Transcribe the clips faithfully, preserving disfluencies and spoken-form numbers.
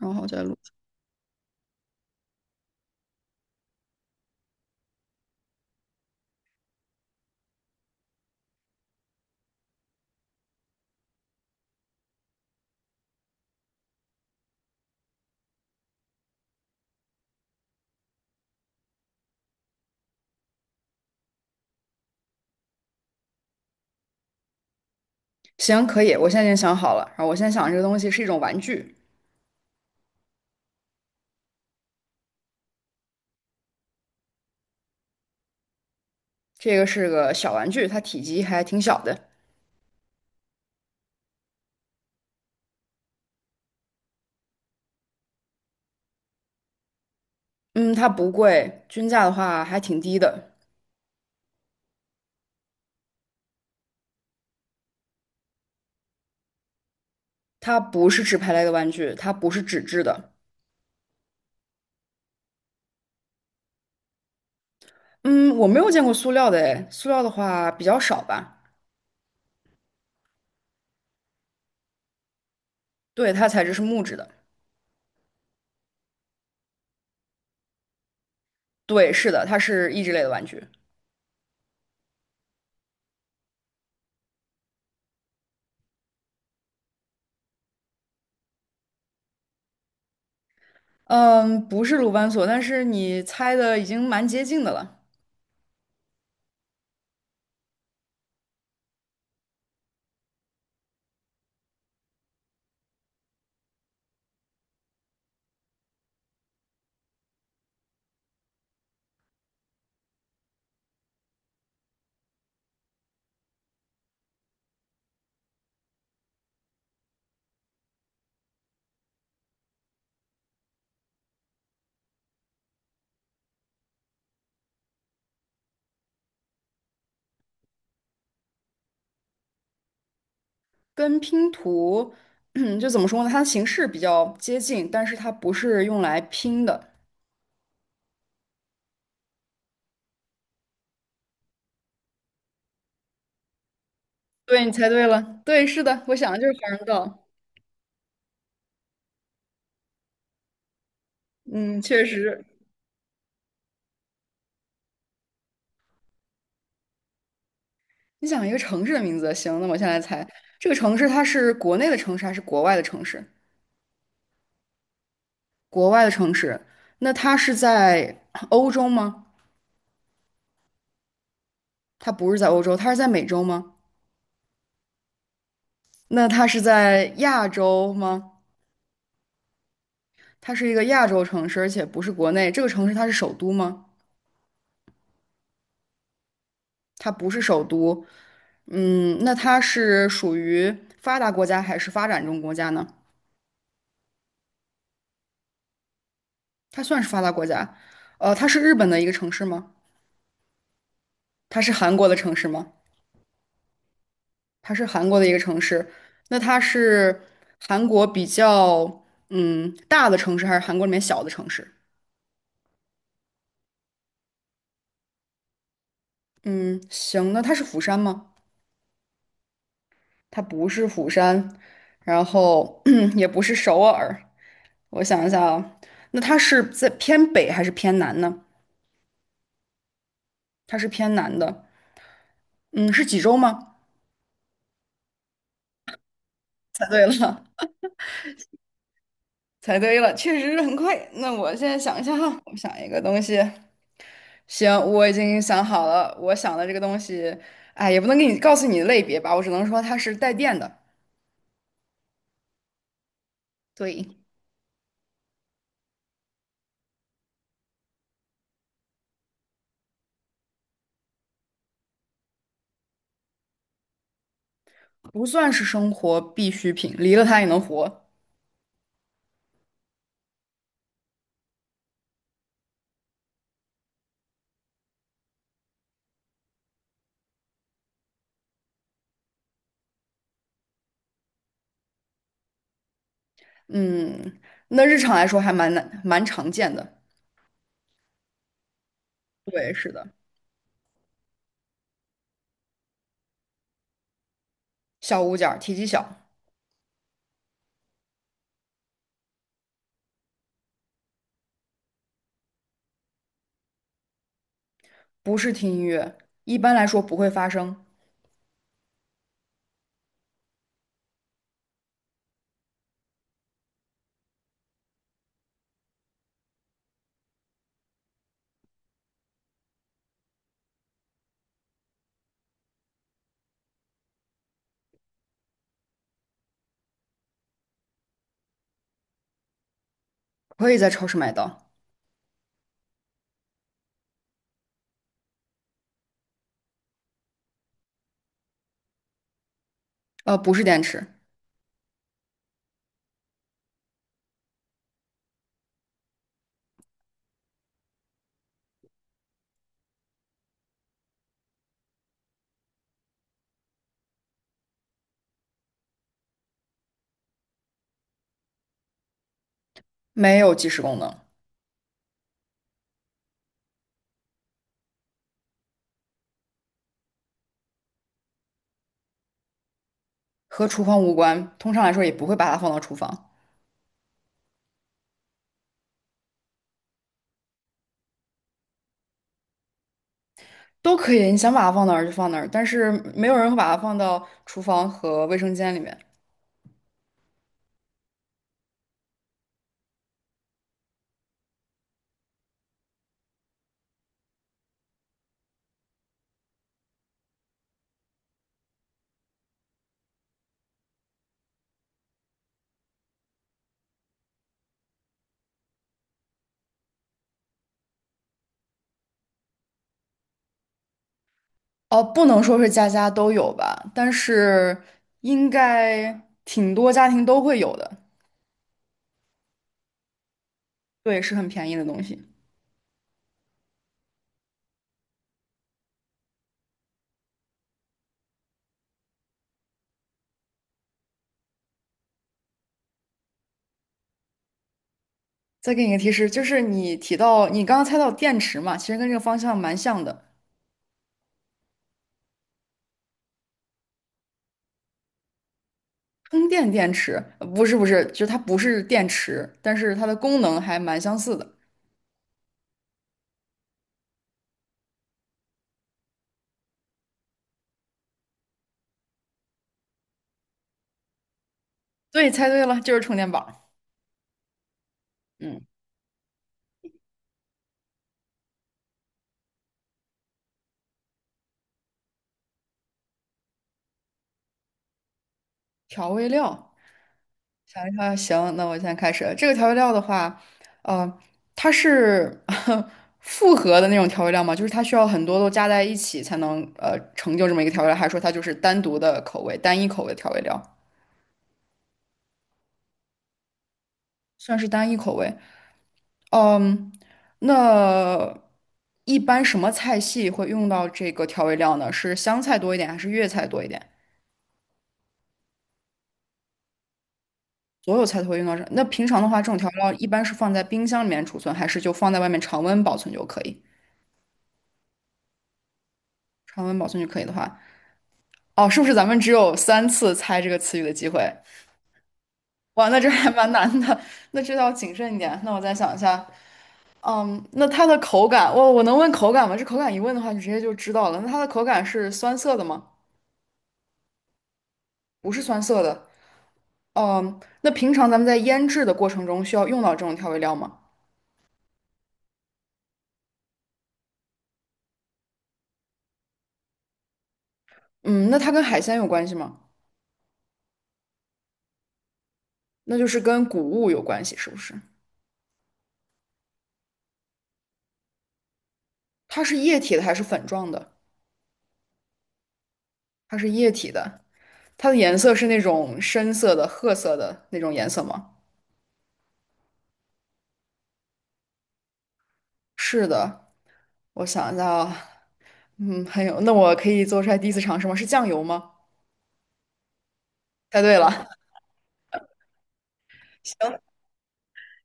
然后再录。行，可以，我现在已经想好了。然后我现在想这个东西是一种玩具，这个是个小玩具，它体积还挺小的。嗯，它不贵，均价的话还挺低的。它不是纸牌类的玩具，它不是纸质的。嗯，我没有见过塑料的诶，塑料的话比较少吧。对，它材质是木质的。对，是的，它是益智类的玩具。嗯，不是鲁班锁，但是你猜的已经蛮接近的了。跟拼图，就怎么说呢？它的形式比较接近，但是它不是用来拼的。对，你猜对了，对，是的，我想的就是华容道。嗯，确实。你想一个城市的名字，行，那我现在猜这个城市，它是国内的城市还是国外的城市？国外的城市，那它是在 欧洲吗？它不是在欧洲，它是在美洲吗？那它是在亚洲吗？它是一个亚洲城市，而且不是国内。这个城市它是首都吗？它不是首都。嗯，那它是属于发达国家还是发展中国家呢？它算是发达国家。呃，它是日本的一个城市吗？它是韩国的城市吗？它是韩国的一个城市。那它是韩国比较嗯大的城市，还是韩国里面小的城市？嗯，行，那它是釜山吗？它不是釜山，然后 也不是首尔。我想一下啊，那它是在偏北还是偏南呢？它是偏南的。嗯，是济州吗？猜对了。猜对了，确实是很快。那我现在想一下哈，我想一个东西。行，我已经想好了，我想的这个东西，哎，也不能给你告诉你的类别吧，我只能说它是带电的，对，不算是生活必需品，离了它也能活。嗯，那日常来说还蛮难，蛮常见的。对，是的，小物件儿，体积小，不是听音乐，一般来说不会发声，可以在超市买到。呃，不是电池，没有计时功能。和厨房无关，通常来说也不会把它放到厨房，都可以，你想把它放哪儿就放哪儿，但是没有人会把它放到厨房和卫生间里面。哦，不能说是家家都有吧，但是应该挺多家庭都会有的。对，是很便宜的东西。再给你一个提示，就是你提到你刚刚猜到电池嘛，其实跟这个方向蛮像的。充电电池，呃不是不是，就是它不是电池，但是它的功能还蛮相似的。对，猜对了，就是充电宝。嗯，调味料。想一下，行，那我现在开始。这个调味料的话，呃，它是 复合的那种调味料吗？就是它需要很多都加在一起才能呃成就这么一个调味料，还是说它就是单独的口味、单一口味的调味料？算是单一口味。嗯，那一般什么菜系会用到这个调味料呢？是湘菜多一点，还是粤菜多一点？所有菜都会用到这。那平常的话，这种调味料一般是放在冰箱里面储存，还是就放在外面常温保存就可以？常温保存就可以的话。哦，是不是咱们只有三次猜这个词语的机会？哇，那这还蛮难的，那这要谨慎一点。那我再想一下，嗯，那它的口感，我我能问口感吗？这口感一问的话，你直接就知道了。那它的口感是酸涩的吗？不是酸涩的。嗯，那平常咱们在腌制的过程中需要用到这种调味料吗？嗯，那它跟海鲜有关系吗？那就是跟谷物有关系，是不是？它是液体的还是粉状的？它是液体的，它的颜色是那种深色的、褐色的那种颜色吗？是的。我想一下啊，嗯，还有，那我可以做出来第一次尝试吗？是酱油吗？猜对了，行，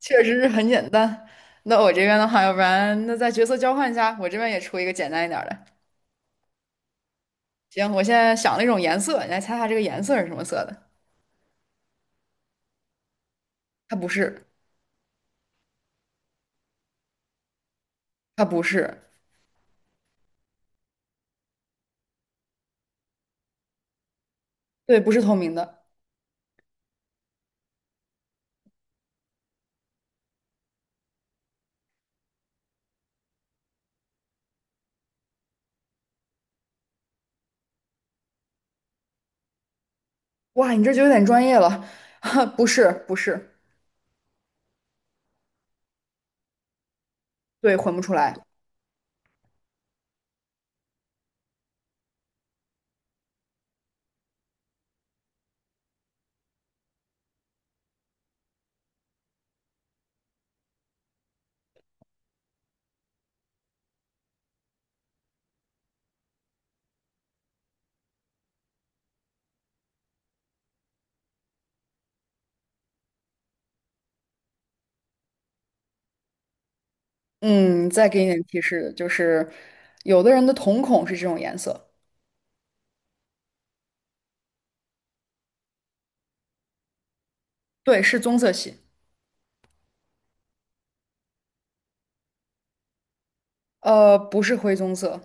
确实是很简单。那我这边的话，要不然那再角色交换一下，我这边也出一个简单一点儿的。行，我现在想了一种颜色，你来猜猜这个颜色是什么色的？它不是，它不是，对，不是透明的。哇，你这就有点专业了，不是，不是，对，混不出来。嗯，再给你点提示，就是有的人的瞳孔是这种颜色，对，是棕色系，呃，不是灰棕色。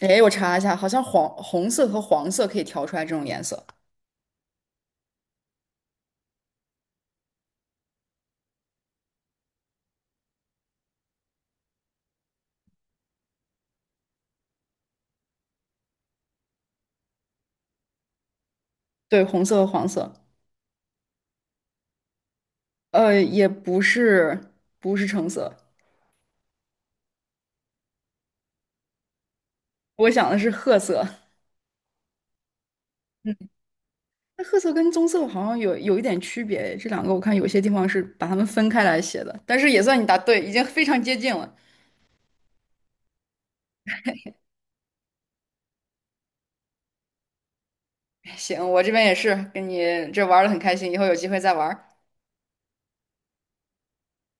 哎，我查一下，好像黄红色和黄色可以调出来这种颜色。对，红色和黄色，呃，也不是不是橙色，我想的是褐色。嗯，那褐色跟棕色好像有有一点区别，这两个我看有些地方是把它们分开来写的，但是也算你答对，已经非常接近了。哎行，我这边也是跟你这玩的很开心，以后有机会再玩儿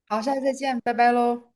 好，下次再见，拜拜喽。